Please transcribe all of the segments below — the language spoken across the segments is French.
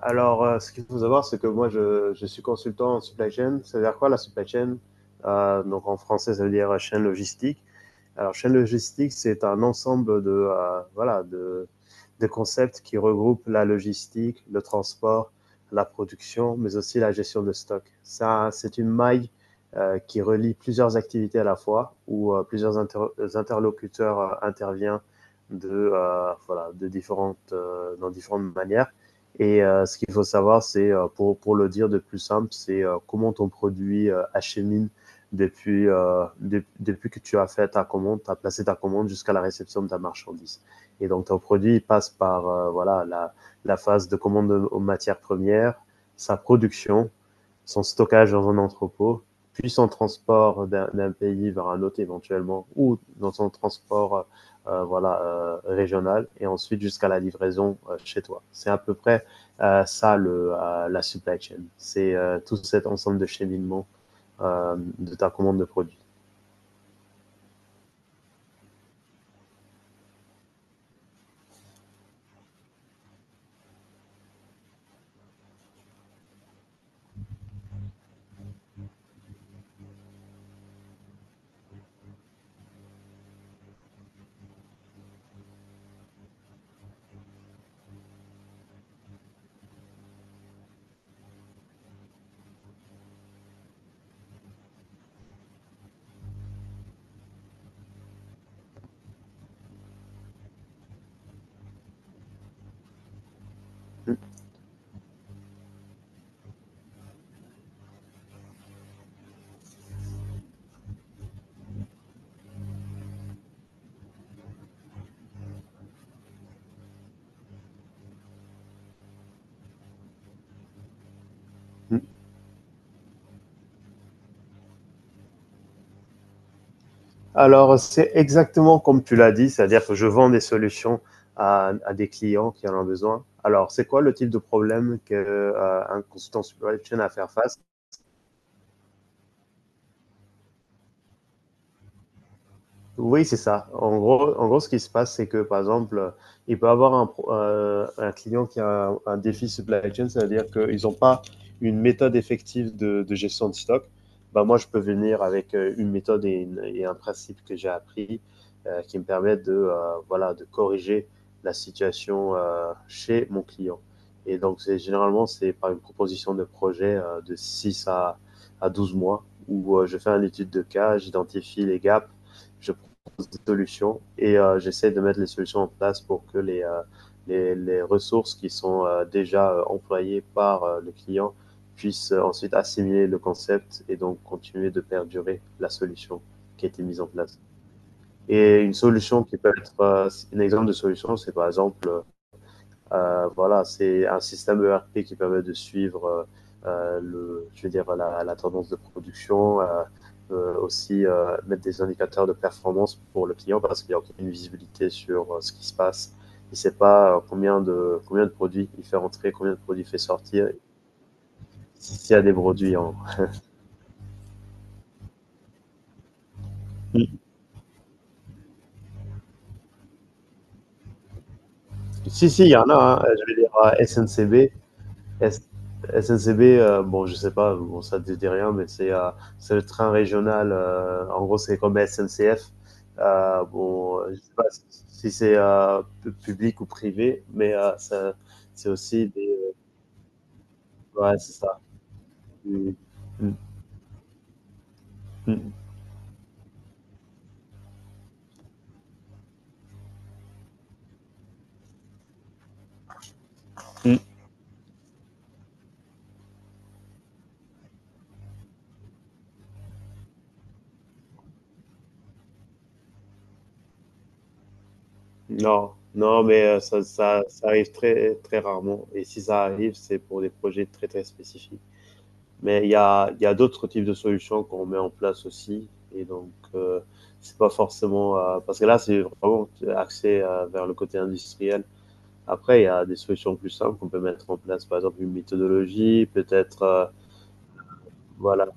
Ce qu'il faut savoir, c'est que moi, je suis consultant en supply chain. Ça veut dire quoi la supply chain? Donc, en français, ça veut dire chaîne logistique. Alors, chaîne logistique, c'est un ensemble de de, concepts qui regroupent la logistique, le transport, la production, mais aussi la gestion de stock. Ça, c'est une maille qui relie plusieurs activités à la fois, où plusieurs interlocuteurs interviennent de, voilà, de différentes, dans différentes manières et ce qu'il faut savoir, c'est, pour le dire de plus simple, c'est comment ton produit achemine depuis que tu as fait ta commande, tu as placé ta commande jusqu'à la réception de ta marchandise. Et donc, ton produit il passe par la phase de commande aux matières premières, sa production, son stockage dans un entrepôt, puis son transport d'un pays vers un autre éventuellement, ou dans son transport voilà, régional, et ensuite jusqu'à la livraison chez toi. C'est à peu près ça, la supply chain. C'est tout cet ensemble de cheminement de ta commande de produit. Alors, c'est exactement comme tu l'as dit, c'est-à-dire que je vends des solutions à des clients qui en ont besoin. Alors, c'est quoi le type de problème qu'un consultant supply chain a à faire face? Oui, c'est ça. En gros, ce qui se passe, c'est que, par exemple, il peut avoir un client qui a un défi supply chain, c'est-à-dire qu'ils n'ont pas une méthode effective de gestion de stock. Ben, moi, je peux venir avec une méthode et et un principe que j'ai appris qui me permettent de corriger la situation chez mon client. Et donc, c'est, généralement, c'est par une proposition de projet de six à 12 mois où je fais une étude de cas, j'identifie les gaps, je des solutions et j'essaie de mettre les solutions en place pour que les les ressources qui sont déjà employées par le client puissent ensuite assimiler le concept et donc continuer de perdurer la solution qui a été mise en place. Et une solution qui peut être, un exemple de solution, c'est par exemple voilà, c'est un système ERP qui permet de suivre le, je veux dire, la tendance de production, aussi mettre des indicateurs de performance pour le client parce qu'il y a une visibilité sur ce qui se passe. Il ne sait pas combien de produits il fait rentrer, combien de produits il fait sortir, s'il y a des produits en. Si, si, il y en a. Hein. Je vais dire SNCB, S- SNCB, bon, je sais pas, bon, ça te dit rien, mais c'est le train régional. En gros, c'est comme SNCF. Je sais pas si c'est public ou privé, mais ça c'est aussi des. Ouais, c'est ça. Mm, mm, mm, mm. Non, non, mais ça arrive très, très rarement. Et si ça arrive, c'est pour des projets très, très spécifiques. Mais il y a d'autres types de solutions qu'on met en place aussi. Et donc, c'est pas forcément parce que là, c'est vraiment axé vers le côté industriel. Après, il y a des solutions plus simples qu'on peut mettre en place. Par exemple, une méthodologie, peut-être. Voilà.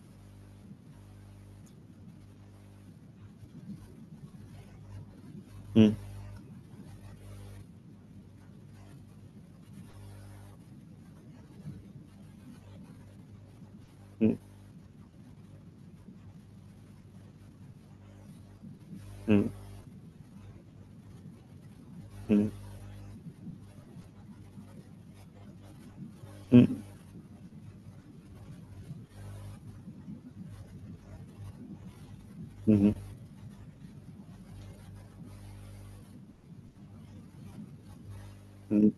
Mm, mm, mm, mm, mm, mhm,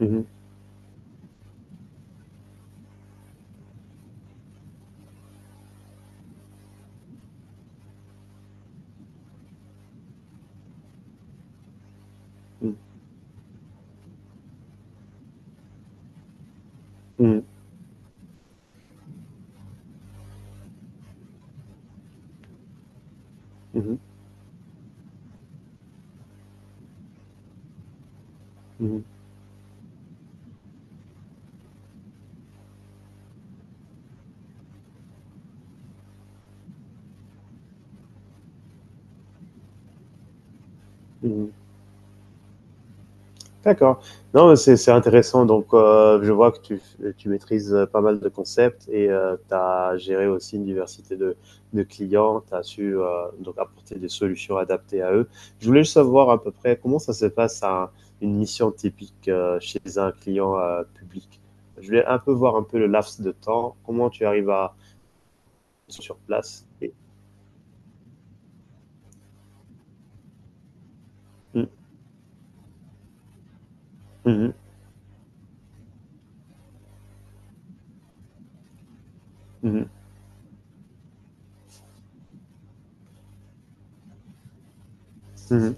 mm, mm, mhm, mm, mm, mhm, mm, mm. D'accord. Non, mais c'est intéressant. Donc, je vois que tu maîtrises pas mal de concepts et tu as géré aussi une diversité de clients. Tu as su donc apporter des solutions adaptées à eux. Je voulais juste savoir à peu près comment ça se passe à une mission typique chez un client public. Je voulais un peu voir un peu le laps de temps, comment tu arrives à sur place. Et... Mhm, mhm, mhm, mhm,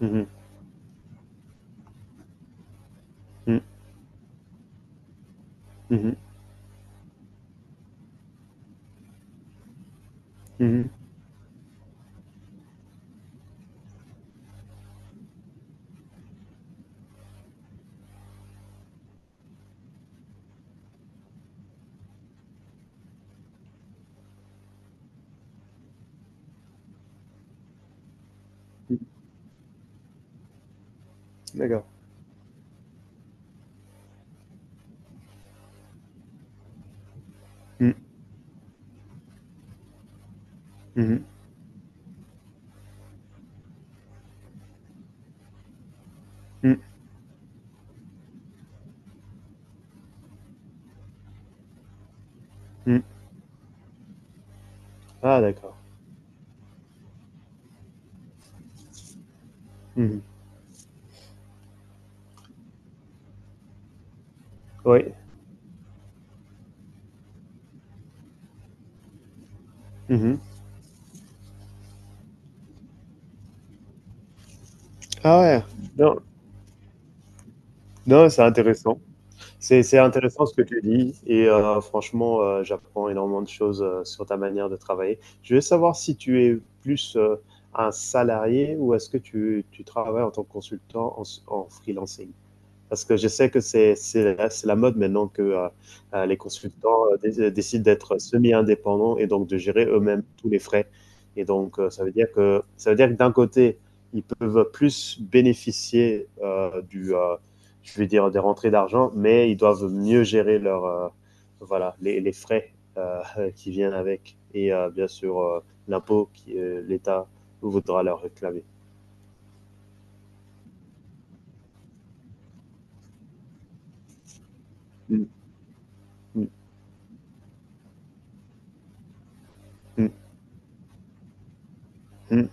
mhm, mhm, mhm, mhm, mhm. D'accord. Mhm, mhm, mhm. Mhm. Ah, d'accord. Mhm. Oui. Mhm. Ah ouais. Non, non, c'est intéressant. C'est intéressant ce que tu dis et franchement, j'apprends énormément de choses, sur ta manière de travailler. Je veux savoir si tu es plus, un salarié ou est-ce que tu travailles en tant que consultant en freelancing? Parce que je sais que c'est la mode maintenant que, les consultants, dé décident d'être semi-indépendants et donc de gérer eux-mêmes tous les frais et donc ça veut dire que ça veut dire que d'un côté, ils peuvent plus bénéficier, du, je vais dire des rentrées d'argent, mais ils doivent mieux gérer leurs, voilà, les frais, qui viennent avec et bien sûr, l'impôt que l'État voudra leur réclamer. Mmh, mmh, mmh, mmh,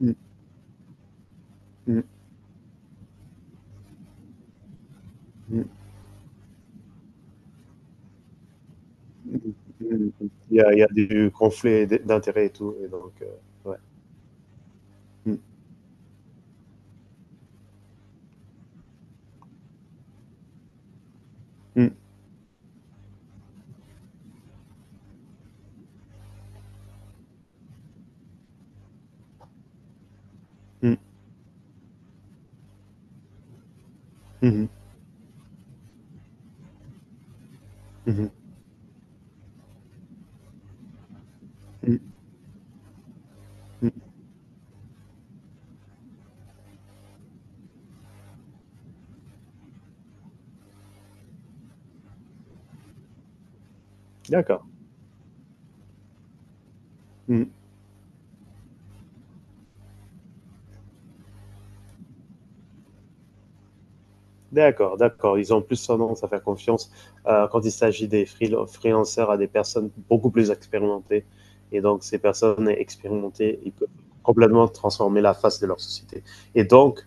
mmh, mmh, mmh. Il il y a du conflit d'intérêts et tout. Et donc, ouais. Mm, mm, mm, mhm, mhm, mhm. D'accord. Mm. D'accord, d'accord. Ils ont plus tendance à faire confiance quand il s'agit des freelancers à des personnes beaucoup plus expérimentées. Et donc, ces personnes expérimentées, ils peuvent complètement transformer la face de leur société. Et donc,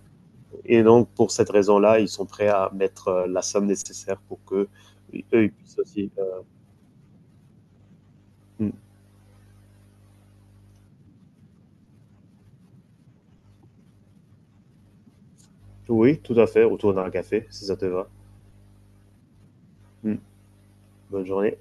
et donc pour cette raison-là, ils sont prêts à mettre la somme nécessaire pour que eux, ils puissent aussi. Euh, mm. Oui, tout à fait, autour d'un café, si ça te va. Mm. Bonne journée.